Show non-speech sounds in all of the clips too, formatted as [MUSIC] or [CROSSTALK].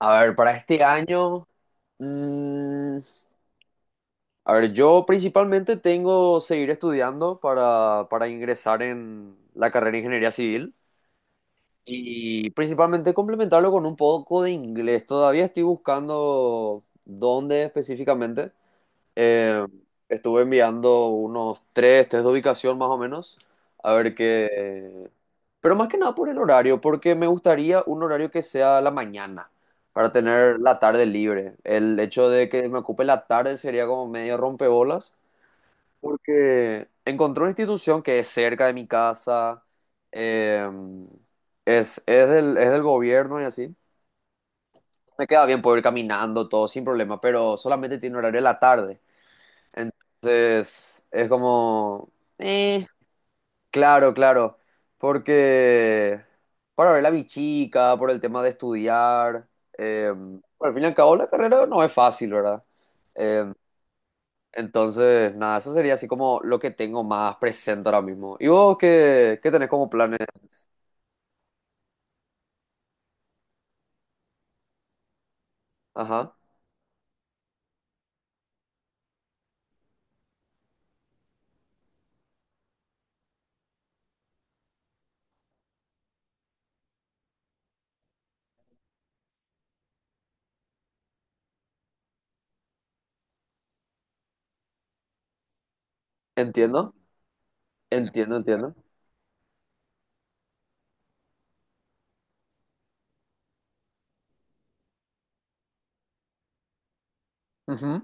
A ver, para este año, mm, a ver, yo principalmente tengo seguir estudiando para ingresar en la carrera de ingeniería civil y principalmente complementarlo con un poco de inglés. Todavía estoy buscando dónde específicamente, eh, estuve enviando unos 3 test de ubicación más o menos, a ver qué... Pero más que nada por el horario, porque me gustaría un horario que sea la mañana, para tener la tarde libre. El hecho de que me ocupe la tarde sería como medio rompebolas, porque encontré una institución que es cerca de mi casa, eh, es del gobierno y así. Me queda bien poder ir caminando, todo sin problema, pero solamente tiene horario en la tarde. Entonces, eh, claro, claro, porque para ver a mi chica, por el tema de estudiar, bueno, al fin y al cabo la carrera no es fácil, ¿verdad? Eh, entonces, nada, eso sería así como lo que tengo más presente ahora mismo. ¿Y vos qué, qué tenés como planes? Ajá, entiendo, entiendo, entiendo. Ujú.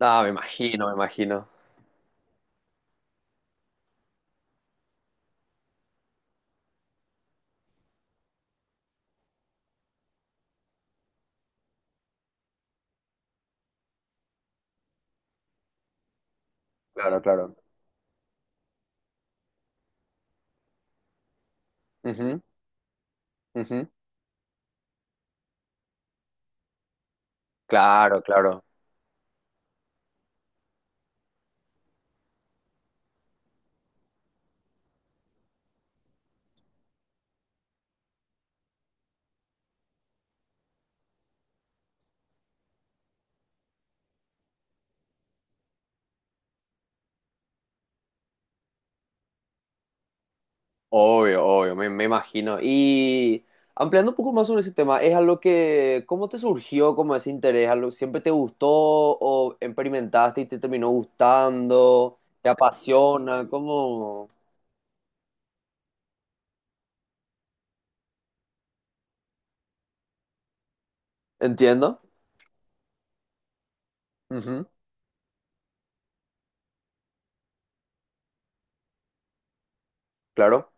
Ah, me imagino, me imagino. Claro, claro. Ujú, ujú. Claro, claro. Obvio, obvio, me imagino. Y ampliando un poco más sobre ese tema, ¿es algo que, cómo te surgió como ese interés? ¿Algo siempre te gustó o experimentaste y te terminó gustando? ¿Te apasiona? ¿Cómo? Entiendo. Ujú, claro.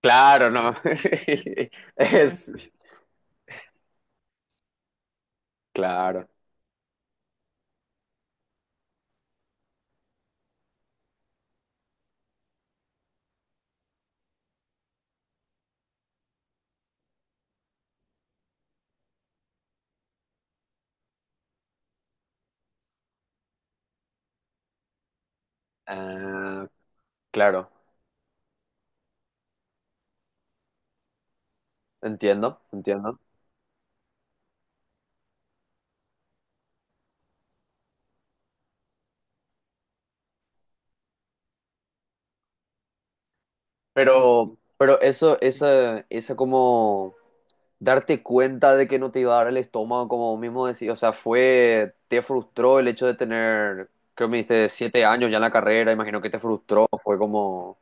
Claro, no. [LAUGHS] Es, claro. Ah, claro. Entiendo, entiendo. Pero eso, esa como darte cuenta de que no te iba a dar el estómago, como vos mismo decís, o sea, fue, te frustró el hecho de tener, creo que me dijiste, 7 años ya en la carrera, imagino que te frustró, fue como,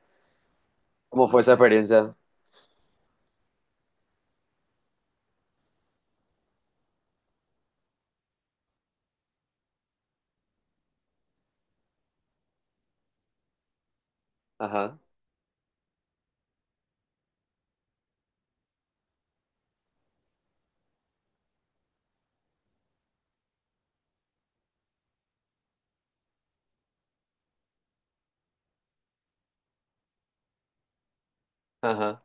¿cómo fue esa experiencia? Ajá, ajá,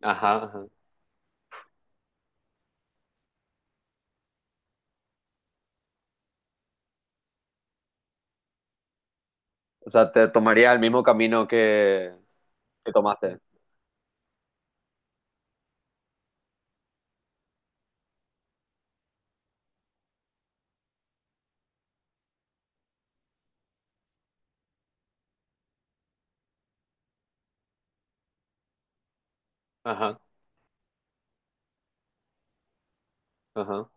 ajá, ajá. O sea, te tomaría el mismo camino que tomaste. Ajá, ajá.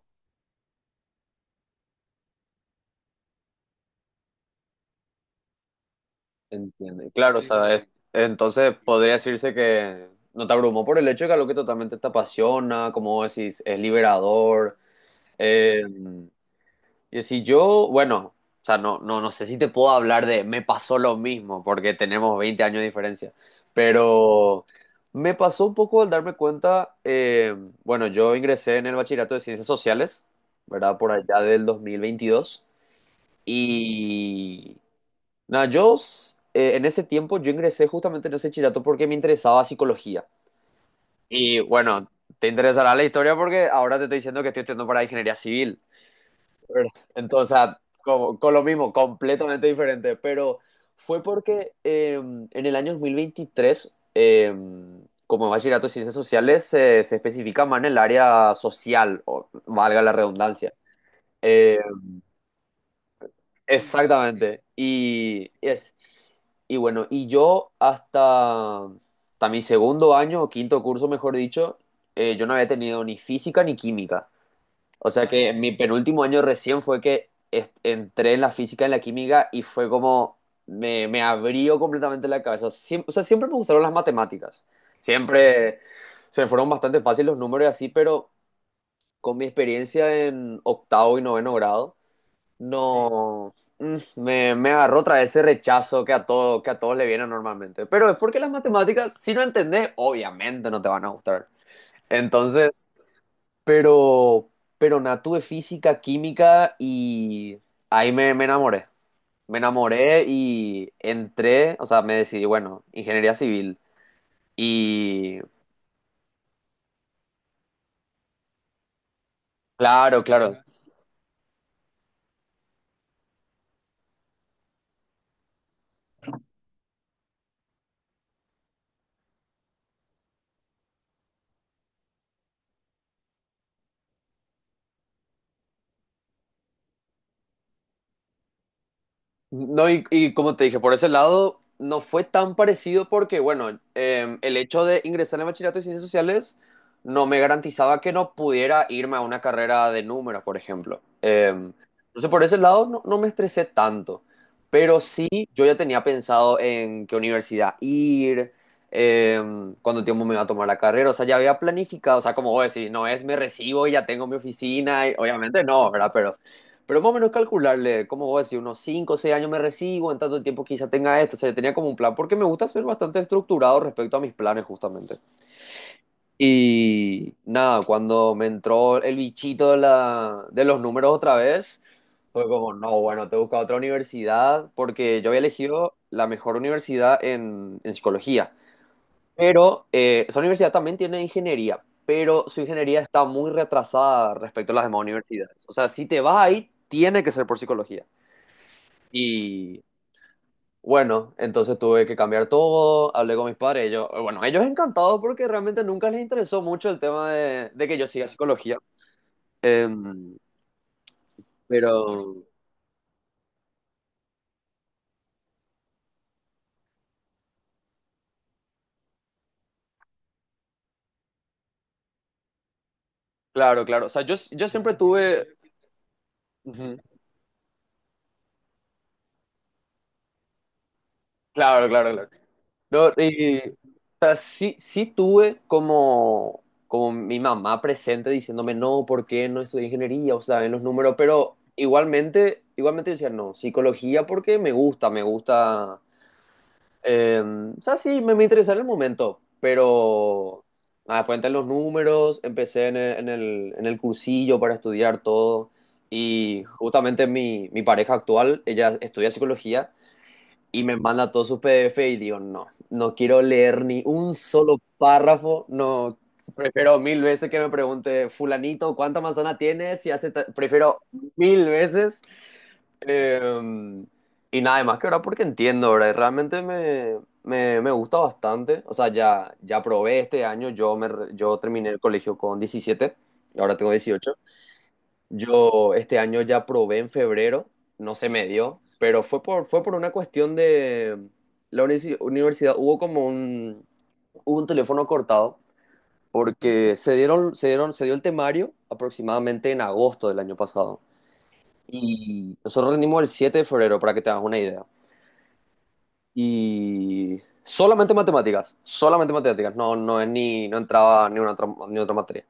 Entiende. Claro, o sí, sí, sea, entonces podría decirse que no te abrumó por el hecho de que algo que totalmente te apasiona, como vos decís, es liberador. Eh, y si yo, bueno, o sea, no sé si te puedo hablar de me pasó lo mismo, porque tenemos 20 años de diferencia, pero me pasó un poco al darme cuenta, bueno, yo ingresé en el bachillerato de ciencias sociales, ¿verdad? Por allá del 2022. Y nada, en ese tiempo yo ingresé justamente en ese chillato porque me interesaba psicología. Y bueno, te interesará la historia porque ahora te estoy diciendo que estoy estudiando para ingeniería civil, ¿verdad? Entonces, con lo mismo, completamente diferente. Pero fue porque en el año 2023, como bachillerato de ciencias sociales, se especifica más en el área social, o valga la redundancia. Eh, exactamente. Y es. Y bueno, y yo hasta, hasta mi segundo año o quinto curso, mejor dicho, yo no había tenido ni física ni química. O sea que en mi penúltimo año recién fue que entré en la física y en la química y fue como me abrió completamente la cabeza. O sea, siempre me gustaron las matemáticas. Siempre se me fueron bastante fáciles los números y así, pero con mi experiencia en octavo y noveno grado no, me agarró otra vez ese rechazo que a todo, que a todos le viene normalmente. Pero es porque las matemáticas, si no entendés, obviamente no te van a gustar. Entonces, pero, pero nada, tuve física, química y ahí me enamoré. Me enamoré y entré, o sea, me decidí, bueno, ingeniería civil. Y claro, claro. No, y como te dije, por ese lado no fue tan parecido porque, bueno, el hecho de ingresar en bachillerato de ciencias sociales no me garantizaba que no pudiera irme a una carrera de números, por ejemplo. Entonces, por ese lado no, no me estresé tanto, pero sí yo ya tenía pensado en qué universidad ir, eh, cuánto tiempo me iba a tomar la carrera, o sea, ya había planificado, o sea, como vos decís, no es me recibo y ya tengo mi oficina, y obviamente no, ¿verdad? Pero más o menos calcularle, como vos decís, unos 5 o 6 años me recibo, en tanto tiempo quizá tenga esto. O sea, yo tenía como un plan, porque me gusta ser bastante estructurado respecto a mis planes, justamente. Y nada, cuando me entró el bichito de, de los números otra vez, fue como, no, bueno, te busco otra universidad, porque yo había elegido la mejor universidad en psicología. Pero esa universidad también tiene ingeniería, pero su ingeniería está muy retrasada respecto a las demás universidades. O sea, si te vas ahí, tiene que ser por psicología. Y bueno, entonces tuve que cambiar todo, hablé con mis padres, ellos, bueno, ellos encantados porque realmente nunca les interesó mucho el tema de que yo siga psicología. Em, pero, claro, claro, o sea, yo siempre tuve, ujú, claro, claro, claro. No, y, o sea, sí, sí tuve como, como mi mamá presente diciéndome, no, ¿por qué no estudié ingeniería? O sea, en los números, pero igualmente, igualmente yo decía, no, psicología porque me gusta, me gusta. Eh, o sea, sí, me interesaba en el momento, pero nada, después entré en los números, empecé en el, en el, en el cursillo para estudiar todo y justamente mi, mi pareja actual, ella estudia psicología y me manda todos sus PDF y digo, no, no quiero leer ni un solo párrafo, no, prefiero mil veces que me pregunte fulanito cuánta manzana tienes y hace, ta-?". Prefiero mil veces. Em, y nada más que ahora porque entiendo, ahora realmente me gusta bastante. O sea, ya, ya probé este año, yo terminé el colegio con 17 y ahora tengo 18. Yo este año ya probé en febrero, no se me dio, pero fue fue por una cuestión de la universidad. Hubo como un, hubo un teléfono cortado porque se dio el temario aproximadamente en agosto del año pasado. Y nosotros rendimos el 7 de febrero, para que te hagas una idea. Y solamente matemáticas, no, no, es ni, no entraba ni una otra, ni otra materia.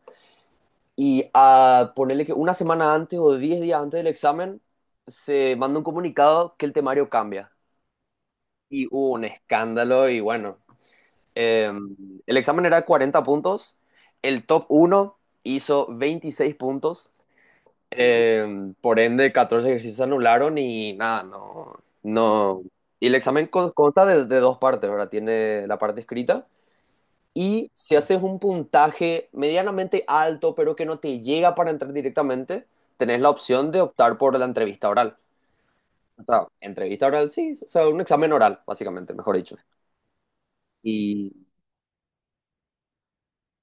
Y a ponerle que una semana antes o 10 días antes del examen se manda un comunicado que el temario cambia. Y hubo un escándalo y bueno, eh, el examen era de 40 puntos, el top uno hizo 26 puntos, eh, por ende, 14 ejercicios se anularon y nada, no, no. Y el examen consta de dos partes, ¿verdad? Tiene la parte escrita y si haces un puntaje medianamente alto, pero que no te llega para entrar directamente, tenés la opción de optar por la entrevista oral. O sea, entrevista oral, sí, o sea, un examen oral, básicamente, mejor dicho. Y,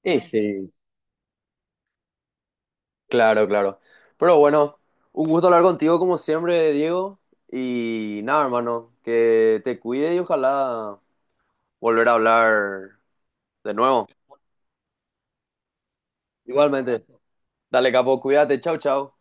y sí, claro, claro. Pero bueno, un gusto hablar contigo como siempre, Diego. Y nada, hermano, que te cuide y ojalá volver a hablar de nuevo. Igualmente. Dale, capo, cuídate. Chau, chau.